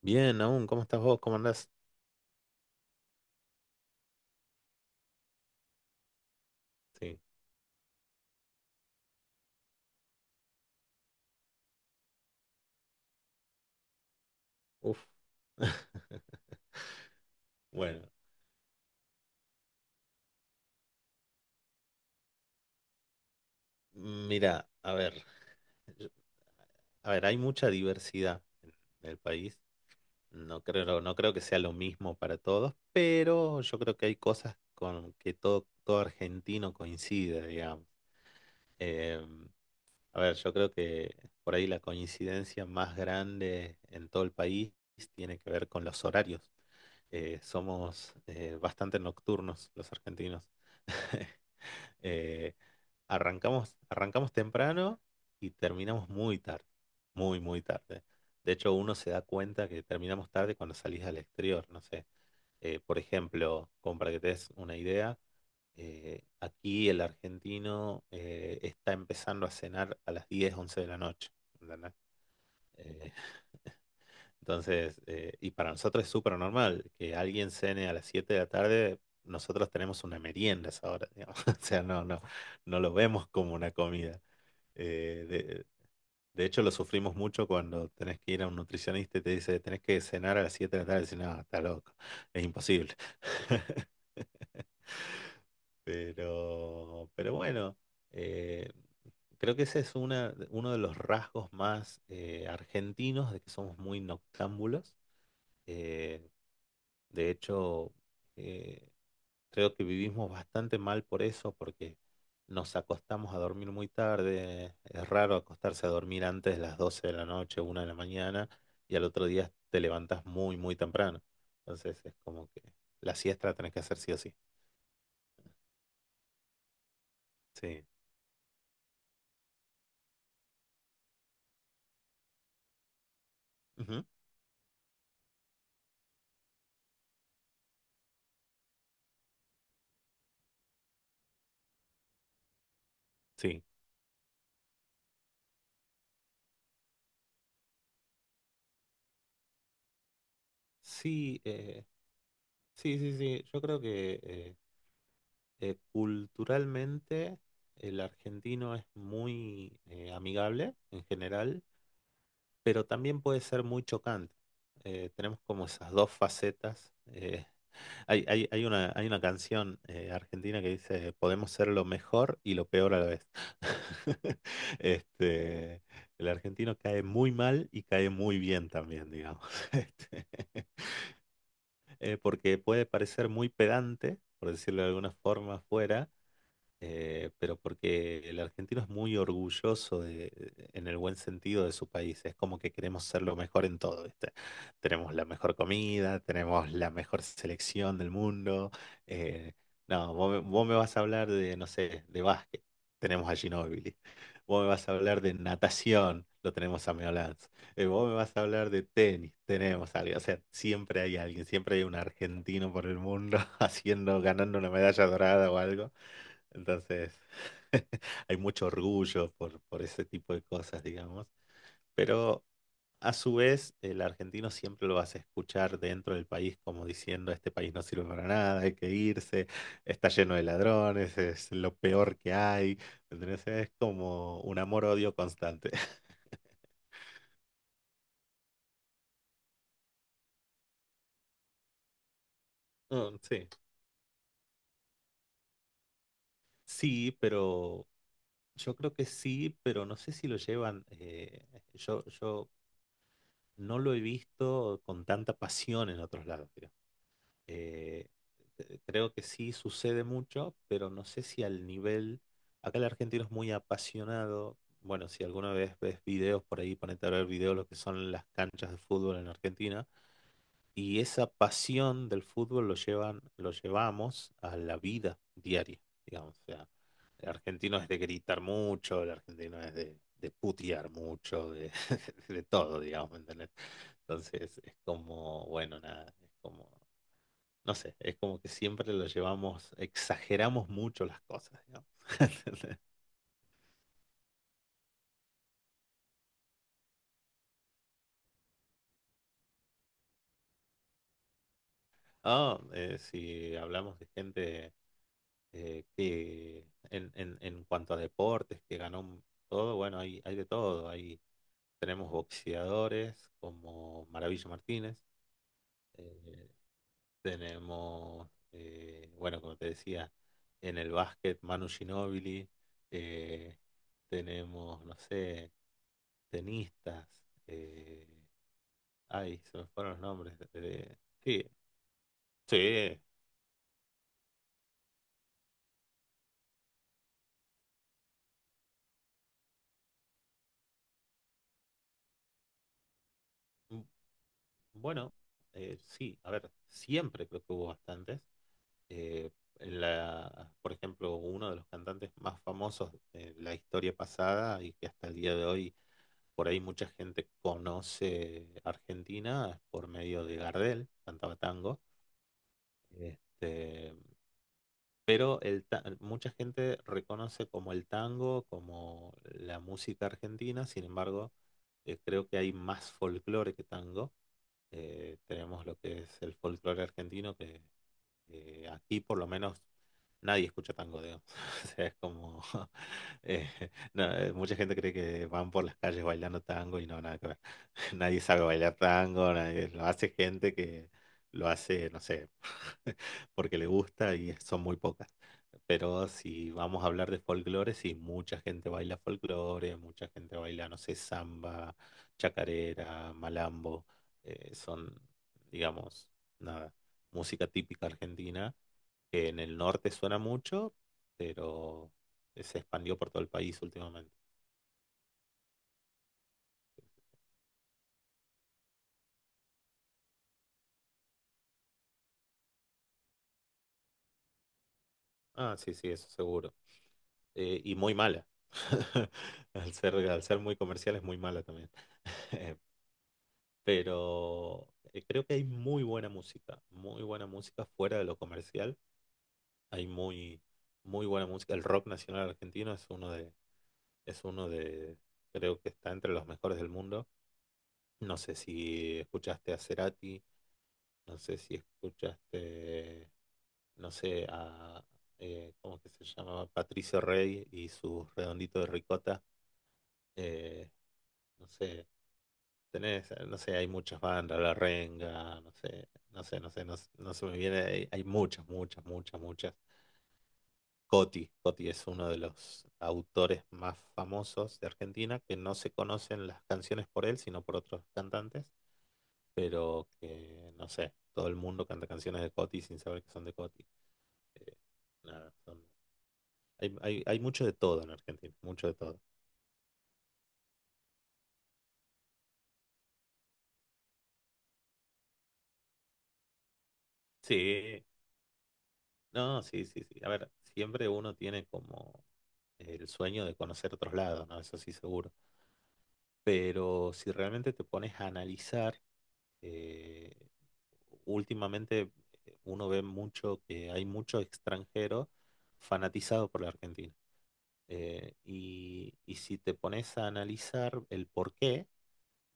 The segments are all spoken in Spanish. Bien, aún, ¿cómo estás vos? ¿Cómo andás? Sí, uf. Bueno, mira, a ver, yo- a ver, hay mucha diversidad en el país. No creo que sea lo mismo para todos, pero yo creo que hay cosas con que todo argentino coincide, digamos. Em, A ver, yo creo que por ahí la coincidencia más grande en todo el país tiene que ver con los horarios. Somos bastante nocturnos los argentinos. Eh, arrancamos temprano y terminamos muy tarde, muy, muy tarde. De hecho, uno se da cuenta que terminamos tarde cuando salís al exterior, no sé. Por ejemplo, como para que te des una idea, aquí el argentino está empezando a cenar a las 10 11 de la noche. ¿Entendés? Eh, entonces, y para nosotros es súper normal que alguien cene a las 7 de la tarde. Nosotros tenemos una merienda a esa hora, digamos. O sea, no, no, no lo vemos como una comida. Eh, de, de hecho, lo sufrimos mucho cuando tenés que ir a un nutricionista y te dice, tenés que cenar a las 7 de la tarde. Y decís, no, está loco, es imposible. Pero bueno, eh, creo que ese es uno de los rasgos más argentinos, de que somos muy noctámbulos. Eh, de hecho, eh, creo que vivimos bastante mal por eso, porque nos acostamos a dormir muy tarde. Es raro acostarse a dormir antes de las 12 de la noche, 1 de la mañana, y al otro día te levantas muy, muy temprano. Entonces es como que la siesta la tenés que hacer sí o sí. Sí. Ujú. Sí. Sí, sí, sí, sí. Yo creo que culturalmente el argentino es muy amigable en general, pero también puede ser muy chocante. Tenemos como esas dos facetas. Hay una canción argentina que dice, podemos ser lo mejor y lo peor a la vez. Este, el argentino cae muy mal y cae muy bien también, digamos. Porque puede parecer muy pedante, por decirlo de alguna forma, afuera, pero porque el argentino es muy orgulloso de, en el buen sentido de su país, es como que queremos ser lo mejor en todo, ¿viste? Tenemos la mejor comida, tenemos la mejor selección del mundo. eh, no, vos me vas a hablar de, no sé, de básquet, tenemos a Ginóbili. Vos me vas a hablar de natación, lo tenemos a Meo Lanz. Vos me vas a hablar de tenis, tenemos a alguien. O sea, siempre hay alguien, siempre hay un argentino por el mundo haciendo, ganando una medalla dorada o algo. Entonces, hay mucho orgullo por, ese tipo de cosas, digamos. Pero a su vez, el argentino siempre lo vas a escuchar dentro del país como diciendo, este país no sirve para nada, hay que irse, está lleno de ladrones, es lo peor que hay. Entonces, es como un amor-odio constante. Mm, sí. Sí, pero yo creo que sí, pero no sé si lo llevan, yo no lo he visto con tanta pasión en otros lados, eh, creo que sí sucede mucho, pero no sé si al nivel, acá el argentino es muy apasionado, bueno, si alguna vez ves videos por ahí, ponete a ver videos lo que son las canchas de fútbol en Argentina, y esa pasión del fútbol lo llevan, lo llevamos a la vida diaria, digamos, o sea, el argentino es de gritar mucho, el argentino es de putear mucho, de, de todo, digamos, ¿me ¿entendés? Entonces es como, bueno, nada, es como... No sé, es como que siempre lo llevamos, exageramos mucho las cosas, ¿no? Ah, si hablamos de gente que en cuanto a deportes, que ganó todo, bueno, hay de todo. Tenemos boxeadores como Maravilla Martínez, eh, tenemos, bueno, como te decía, en el básquet Manu Ginóbili, eh, tenemos, no sé, tenistas. eh, Ay, se me fueron los nombres. Sí, sí. mm, Bueno, sí, a ver, siempre creo que hubo bastantes. eh, en la, por ejemplo, uno de los cantantes más famosos de la historia pasada y que hasta el día de hoy por ahí mucha gente conoce Argentina es por medio de Gardel, cantaba tango. Este, Pero mucha gente reconoce como el tango, como la música argentina, sin embargo, creo que hay más folclore que tango. Tenemos lo que es el folclore argentino, que aquí por lo menos nadie escucha tango, digamos. O sea, es como... eh, no, mucha gente cree que van por las calles bailando tango y no, nada que ver. Nadie sabe bailar tango, lo hace gente que lo hace, no sé, porque le gusta y son muy pocas. Pero si vamos a hablar de folclore, sí, mucha gente baila folclore, mucha gente baila, no sé, samba, chacarera, malambo, son, digamos... nada, música típica argentina, que en el norte suena mucho, pero se expandió por todo el país últimamente. Ah, sí, sí, eso seguro. Y muy mala. Al ser muy comercial es muy mala también. Pero creo que hay muy buena música fuera de lo comercial. Hay muy, muy buena música. El rock nacional argentino es uno de, creo que está entre los mejores del mundo. No sé si escuchaste a Cerati. No sé si escuchaste, no sé, a, ¿cómo que se llamaba? Patricio Rey y su redondito de ricota. Eh, no sé, tenés, no sé, hay muchas bandas, La Renga, no sé, no sé, no sé, no, no se me viene, hay muchas, muchas, muchas, muchas. Coti, Coti es uno de los autores más famosos de Argentina, que no se conocen las canciones por él, sino por otros cantantes, pero que, no sé, todo el mundo canta canciones de Coti sin saber que son de Coti. Nada, hay mucho de todo en Argentina, mucho de todo. Sí, no, sí, sí, sí. A ver, siempre uno tiene como el sueño de conocer otros lados, ¿no? Eso sí, seguro. Pero si realmente te pones a analizar, eh, últimamente uno ve mucho que hay mucho extranjero fanatizado por la Argentina. Y si te pones a analizar el porqué,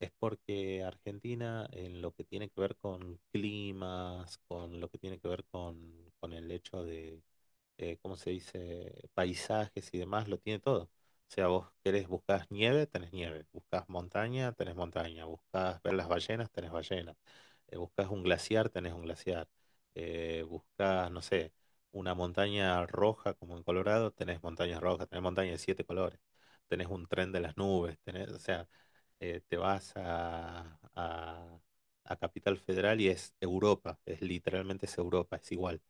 es porque Argentina, en lo que tiene que ver con climas, con lo que tiene que ver con, el hecho de, ¿cómo se dice?, paisajes y demás, lo tiene todo. O sea, vos querés, buscas nieve, tenés nieve. Buscas montaña, tenés montaña. Buscas ver las ballenas, tenés ballenas. Buscas un glaciar, tenés un glaciar. Buscas, no sé, una montaña roja como en Colorado, tenés montañas rojas, tenés montañas de siete colores. Tenés un tren de las nubes, tenés, o sea, te vas a Capital Federal y es Europa, es literalmente es Europa, es igual.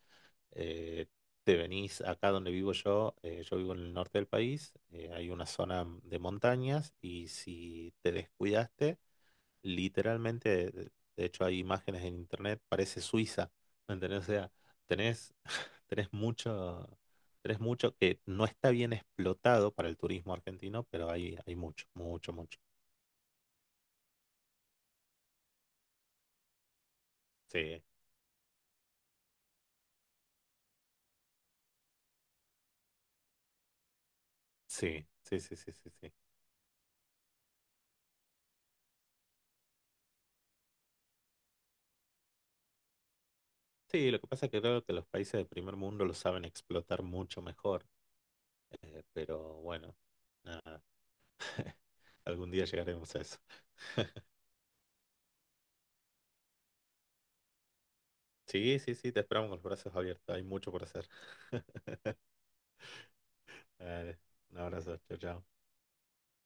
Eh, Te venís acá donde vivo yo, yo vivo en el norte del país, hay una zona de montañas y si te descuidaste, literalmente, de hecho hay imágenes en internet, parece Suiza, ¿me entendés? O sea, tenés, tenés mucho... Tenés mucho que no está bien explotado para el turismo argentino, pero hay mucho, mucho, mucho. Sí. Sí, sí, sí, sí, sí, sí. Sí, lo que pasa es que creo que los países del primer mundo lo saben explotar mucho mejor, pero bueno, nada, algún día llegaremos a eso. Sí, sí, sí, te esperamos con los brazos abiertos, hay mucho por hacer. Dale, un abrazo, chao, chao.